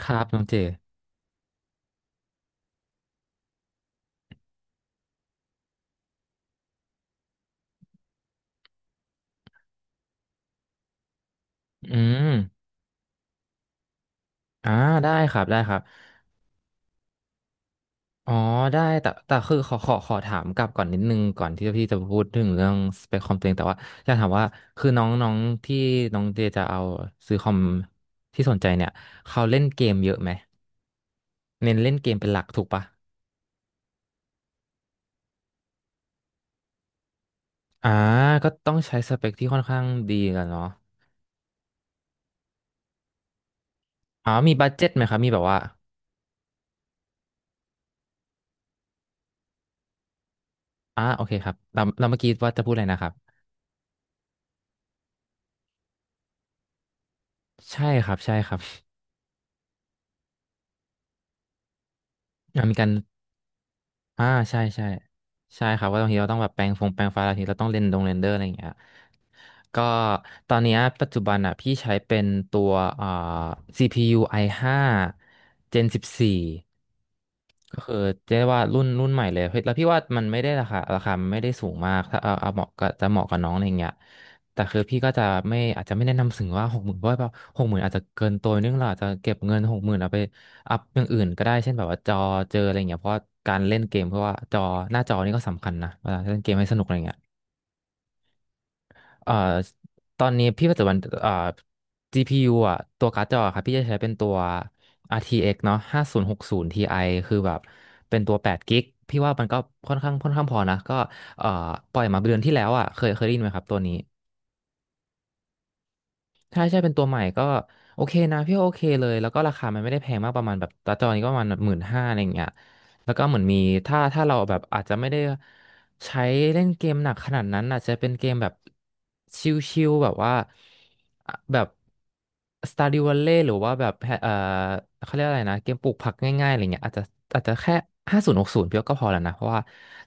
ครับน้องเจอืมอ่าได้ครับได้ครับอ๋อได้แต่คือขอถามกลับก่อนนิดนึงก่อนที่พี่จะพูดถึงเรื่องสเปคคอมตัวเองแต่ว่าอยากถามว่าคือน้องน้องที่น้องเจจะเอาซื้อคอมที่สนใจเนี่ยเขาเล่นเกมเยอะไหมเน้นเล่นเกมเป็นหลักถูกปะอ่าก็ต้องใช้สเปคที่ค่อนข้างดีกันเนาะอ๋อมีบัดเจ็ตไหมครับมีแบบว่าอ่าโอเคครับเราเมื่อกี้ว่าจะพูดอะไรนะครับใช่ครับใช่ครับ อ่ะมีการ อ่าใช่ใช่ใช่ครับว่าบางทีเราต้องแบบแปรงฟันบางทีเราต้องเรนเดอร์อะไรอย่างเงี้ยก็ตอนเนี้ยปัจจุบันอ่ะพี่ใช้เป็นตัวอ่า CPU i5 Gen 14ก็คือเรียกว่ารุ่นใหม่เลยเฮ้ยแล้วพี่ว่ามันไม่ได้ราคามันไม่ได้สูงมากถ้าเอาเหมาะก็จะเหมาะกับน้องอะไรเงี้ยแต่คือพี่ก็จะไม่อาจจะไม่แนะนำถึงว่าหกหมื่นเพราะว่าหกหมื่นอาจจะเกินตัวนิดนึงเราอาจจะเก็บเงินหกหมื่นเอาไป อัพอย่างอื่นก็ได้เช่นแบบว่าจอเจออะไรเงี้ยเพราะว่าการเล่นเกมเพราะว่าจอหน้าจอนี่ก็สำคัญนะเวลาเล่นเกมให้สนุกอะไรเงี้ยเอ่อตอนนี้พี่ปัจจุบันGPU อ่ะตัวการ์ดจอครับพี่จะใช้เป็นตัว RTX เอ็กซ์เนาะ5060 Ti คือแบบเป็นตัว8กิกะพี่ว่ามันก็ค่อนข้างพอนะก็เอ่อปล่อยมาเดือนที่แล้วอ่ะเคยได้ยินไหมครับตัวนี้ถ้าใช่เป็นตัวใหม่ก็โอเคนะพี่ว่าโอเคเลยแล้วก็ราคามันไม่ได้แพงมากประมาณแบบตาจอนี้ก็ประมาณหมื่นห้าอะไรอย่างเงี้ย แล้วก็เหมือนมีถ้าเราแบบอาจจะไม่ได้ใช้เล่นเกมหนักขนาดนั้นอาจจะเป็นเกมแบบชิลๆแบบว่าอ่ะแบบ Stardew Valley หรือว่าแบบเอ่อเขาเรียกอะไรนะเกมปลูกผักง่ายๆอะไรเงี้ยอาจจะแค่ห้าศูนย์หกศูนย์เพียวก็พอแล้วนะเพราะว่า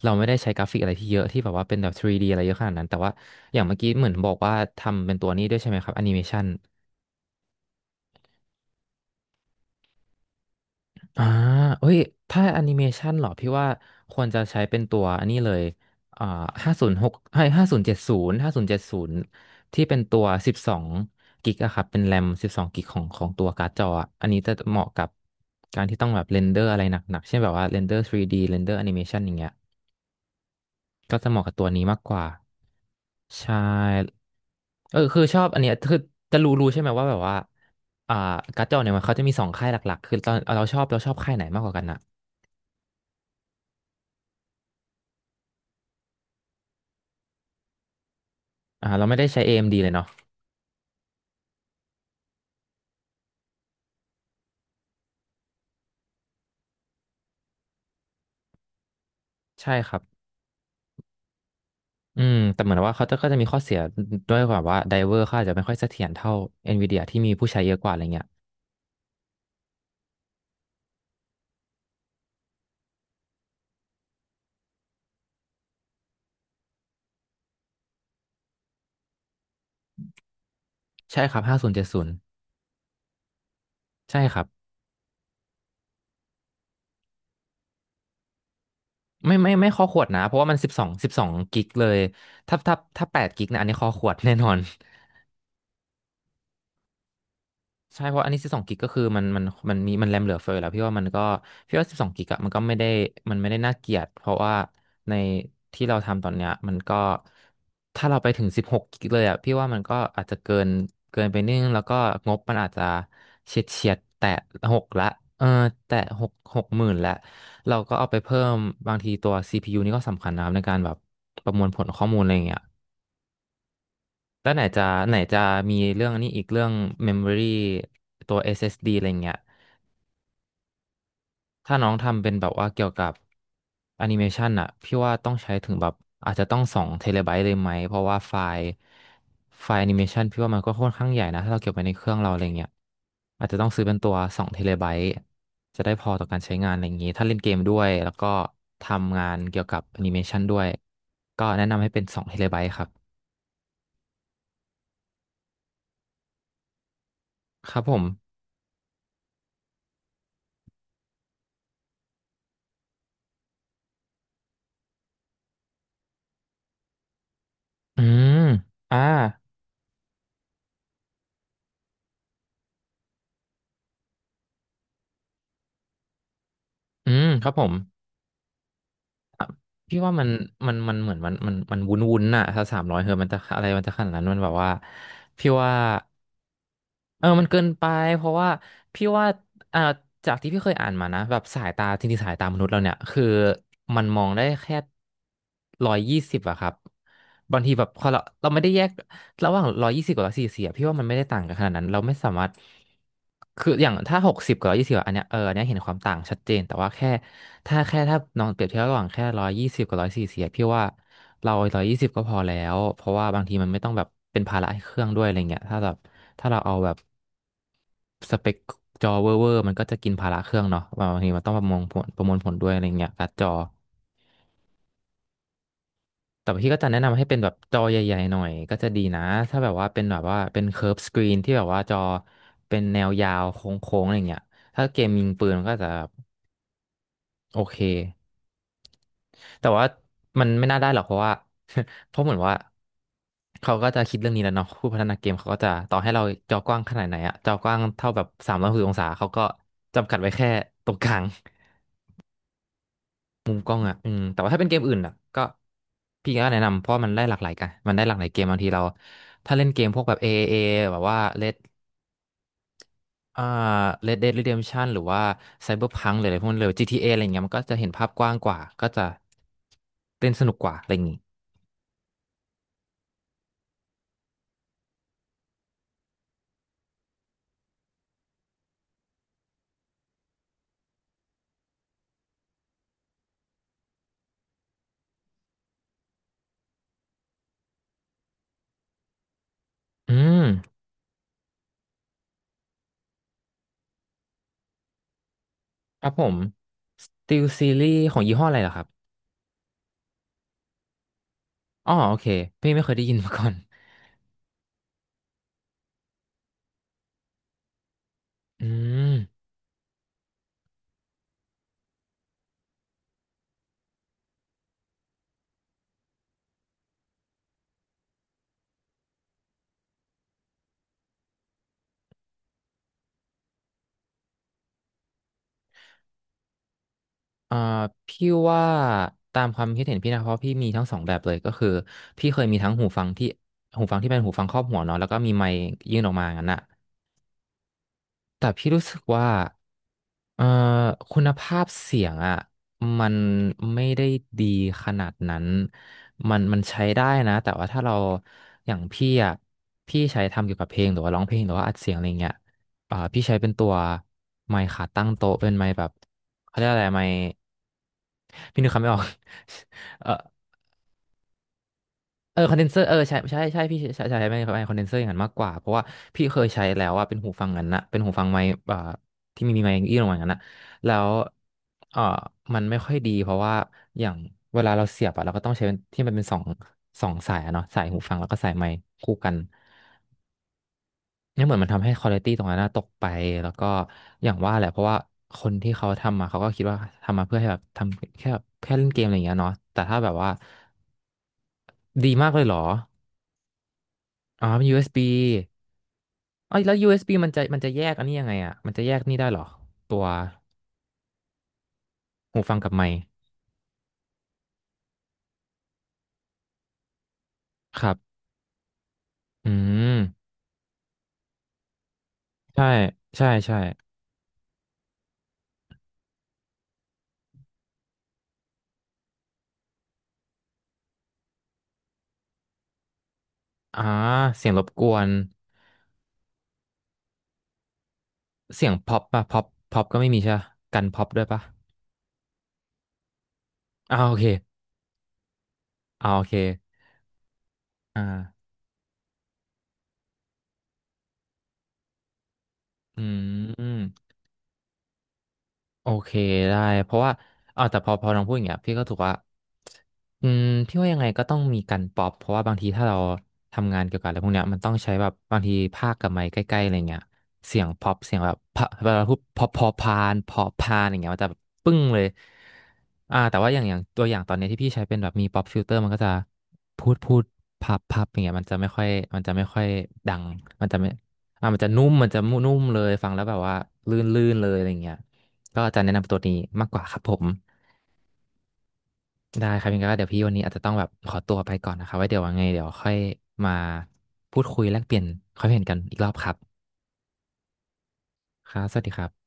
เราไม่ได้ใช้กราฟิกอะไรที่เยอะที่แบบว่าเป็นแบบ 3D อะไรเยอะขนาดนั้นแต่ว่าอย่างเมื่อกี้เหมือนบอกว่าทำเป็นตัวนี้ด้วยใช่ไหมครับแอนิเมชัน อ่าเอ้ยถ้าแอนิเมชันเหรอพี่ว่าควรจะใช้เป็นตัวอันนี้เลยอ่าห้าศูนย์หกให้ห้าศูนย์เจ็ดศูนย์ห้าศูนย์เจ็ดศูนย์ที่เป็นตัวสิบสองกิกอะครับเป็นแรมสิบสองกิกของตัวการ์ดจออะอันนี้จะเหมาะกับการที่ต้องแบบเรนเดอร์อะไรหนักๆเช่นแบบว่าเรนเดอร์ 3D เรนเดอร์แอนิเมชันอย่างเงี้ยก็จะเหมาะกับตัวนี้มากกว่าใช่เออคือชอบอันเนี้ยคือจะรู้ใช่ไหมว่าแบบว่าอ่าการ์ดจอเนี่ยมันเขาจะมีสองค่ายหลักๆคือตอนเราชอบค่ายไหนมากกว่ากันอะ เราไม่ได้ใช้ AMD เอ็มดีเลยเนาะใช่ครับอืมแต่เหมือนว่าเขาก็จะมีข้อเสียด้วยแบบว่าไดเวอร์เขาอาจจะไม่ค่อยเสถียรเท่า NVIDIA ที่มีผู้ใช้เยอะกว่าอะไรเงี้ยใช่ครับห้าศูนย์เจ็ดศูนย์ใช่ครับไม่ข้อขวดนะเพราะว่ามันสิบสองกิกเลยถ้าแปดกิกนะอันนี้ข้อขวด แน่นอน ใช่เพราะอันนี้สิบสองกิกก็คือมันมีมันแรมเหลือเฟือแล้วพี่ว่ามันก็พี่ว่าสิบสองกิกอะมันก็ไม่ได้มันไม่ได้น่าเกลียดเพราะว่าในที่เราทำตอนเนี้ยมันก็ถ้าเราไปถึงสิบหกกิกเลยอะพี่ว่ามันก็อาจจะเกินเกินไปนิดนึงแล้วก็งบมันอาจจะเฉียดแตะหกละเออแตะหกหมื่นละเราก็เอาไปเพิ่มบางทีตัวซีพียูนี่ก็สำคัญนะครับในการแบบประมวลผลข้อมูลอะไรอย่างเงี้ย แล้วไหนจะมีเรื่องนี้อีกเรื่อง Memory ตัว SSD อสเอสดีอะไรเงี้ยถ้าน้องทำเป็นแบบว่าเกี่ยวกับแอนิเมชันอะพี่ว่าต้องใช้ถึงแบบอาจจะต้องสองเทเลไบต์เลยไหมเพราะว่าไฟล์แอนิเมชันพี่ว่ามันก็ค่อนข้างใหญ่นะถ้าเราเก็บไว้ในเครื่องเราอะไรเงี้ยอาจจะต้องซื้อเป็นตัวสองเทเลไบต์จะได้พอต่อการใช้งานอะไรอย่างนี้ถ้าเล่นเกมด้วยแล้วก็ทำงานเกี่ยวกับแอนิเมชันด้วยก็แนะนำให้เป็นสองเทเลไบต์ครับครับผมอืมอ่า อืมครับผมพี่ว่ามันเหมือนมันวุ้นวุ้นอะถ้าสามร้อยเฮอมันจะอะไรมันจะขนาดนั้นมันแบบว่าพี่ว่าเออมันเกินไปเพราะว่าพี่ว่าอ่าจากที่พี่เคยอ่านมานะแบบสายตาจริงๆสายตามนุษย์เราเนี่ยคือมันมองได้แค่ร้อยยี่สิบอะครับบางทีแบบพอเราไม่ได้แยกระหว่างร้อยยี่สิบกับร้อยสี่สิบพี่ว่ามันไม่ได้ต่างกันขนาดนั้นเราไม่สามารถคืออย่างถ้าหกสิบกับร้อยยี่สิบอันเนี้ยเอออันเนี้ยเห็นความต่างชัดเจนแต่ว่าแค่ ถ้าแค่ถ้าน้องเปรียบเทียบระหว่างแค่ร้อยยี่สิบกับร้อยสี่สิบพี่ว่าเราร้อยยี่สิบก็พอแล้วเพราะว่าบางทีมันไม่ต้องแบบเป็นภาระให้เครื่องด้วยอะไรเงี้ยถ้าแบบถ้าเราเอาแบบสเปคจอเวอร์เวอร์มันก็จะกินภาระเครื่องเนาะบางทีมันต้องประมวลผลด้วยอะไรเงี้ยการ์ดจอแต่พี่ก็จะแนะนำให้เป็นแบบจอใหญ่ๆหน่อยก็จะดีนะถ้าแบบว่าเป็นเคิร์ฟสกรีนที่แบบว่าจอเป็นแนวยาวโค้งๆอะไรเงี้ยถ้าเกมยิงปืนมันก็จะโอเค แต่ว่ามันไม่น่าได้หรอกเพราะว่า เพราะเหมือนว่าเขาก็จะคิดเรื่องนี้แล้วเนาะผู้พัฒนาเกมเขาก็จะต่อให้เราจอกว้างขนาดไหนอะจอกว้างเท่าแบบสามร้อยหกสิบองศาเขาก็จำกัดไว้แค่ตรงกลางมุมกล้องอะแต่ว่าถ้าเป็นเกมอื่นอะก็พี่ก็แนะนำเพราะมันได้หลากหลายกันมันได้หลากหลายเกมบางทีเราถ้าเล่นเกมพวกแบบ a เอเอแบบว่า Red อ่า Red Dead Redemption หรือว่า Cyberpunk หรืออะไรพวกนั้นเลย GTA ออะไรเงี้ยมันก็จะเห็นภาพกว้างกว่าก็จะเล่นสนุกกว่าอะไรอย่างงี้อืม ครับผมสต e l ซีรีส์ของยี่ห้ออะไรเหรอครับ อ๋อโอเคพี่ไม่เคยได้ยินมาก่อน อืม อ่าพี่ว่าตามความคิดเห็นพี่นะเพราะพี่มีทั้งสองแบบเลยก็คือพี่เคยมีทั้งหูฟังที่เป็นหูฟังครอบหัวเนาะแล้วก็มีไมค์ยื่นออกมางั้นอะ แต่พี่รู้สึกว่าเอ่อคุณภาพเสียงอ่ะมันไม่ได้ดีขนาดนั้นมันใช้ได้นะแต่ว่าถ้าเราอย่างพี่อ่ะพี่ใช้ทำเกี่ยวกับเพลงหรือว่าร้องเพลงหรือว่าอัดเสียงอะไรเงี้ยพี่ใช้เป็นตัวไมค์ขาตั้งโต๊ะเป็นไมค์แบบเขาเรียกอะไรไมค์พี่นึกคำไม่ออก เออ เออคอนเดนเซอร์เออใช่ใช่พี่ใช้ไม่ไม่คอนเดนเซอร์อย่างนั้นมากกว่าเพราะว่าพี่เคยใช้แล้วอะเป็นหูฟังนั้นนะเป็นหูฟังไมค์ที่มีไมค์อี้ลงมาอย่างนั้นนะแล้วเออมันไม่ค่อยดีเพราะว่าอย่างเวลาเราเสียบอะเราก็ต้องใช้เป็นที่มันเป็นสองสายอะเนาะสายหูฟังแล้วก็สายไมค์คู่กันเนี่ยเหมือนมันทำให้ควอลิตี้ตรงนั้นนะตกไปแล้วก็อย่างว่าแหละเพราะว่าคนที่เขาทำมาเขาก็คิดว่าทำมาเพื่อให้แบบทำแค่แบบแค่เล่นเกมอะไรอย่างเงี้ยเนาะแต่ถ้าแบบว่าดีมากเลยเหรออ๋อเป็น USB เอ้ยแล้ว USB มันจะแยกอันนี้ยังไงอ่ะมันจะแยกนี่ได้เหรอตัวหูฟังกับไมค์ครับอืมใช่ใช่ใช่อ่าเสียงรบกวนเสียงพ็อปป่ะพ็อปก็ไม่มีใช่ปะกันพ็อปด้วยป่ะอ่าโอเคอ่าโอเคอ่าอืม โอเคได้เพราะว่าแต่พอน้องพูดอย่างเงี้ยพี่ก็ถูกว่าอืมพี่ว่ายังไงก็ต้องมีกันป๊อปเพราะว่าบางทีถ้าเราทำงานเกี่ยวกับอะไรพวกเนี้ยมันต้องใช้แบบบางทีภาคกับไมค์ใกล้ๆอะไรเงี้ยเสียงป๊อปเสียงแบบพะเวลาพูดพอพานพอพานอย่างเงี้ยมันจะแบบปึ้งเลยแต่ว่าอย่างตัวอย่างตอนเนี้ยที่พี่ใช้เป็นแบบมีป๊อปฟิลเตอร์มันก็จะพูดพับอย่างเงี้ยมันจะไม่ค่อยมันจะไม่ค่อยดังมันจะไม่มันจะนุ่มมันจะนุ่มเลยฟังแล้วแบบว่าลื่นลื่นเลยอะไรเงี้ย ก็จะแนะนำตัวนี้มากกว่าครับผมได้ครับยังไงก็เดี๋ยวพี่วันนี้อาจจะต้องแบบขอตัวไปก่อนนะครับไว้เดี๋ยวว่าไงเดี๋ยวค่อยมาพูดคุยแลกเปลี่ยนความเห็นกันอีกรอบครับครับสวัสดีครับ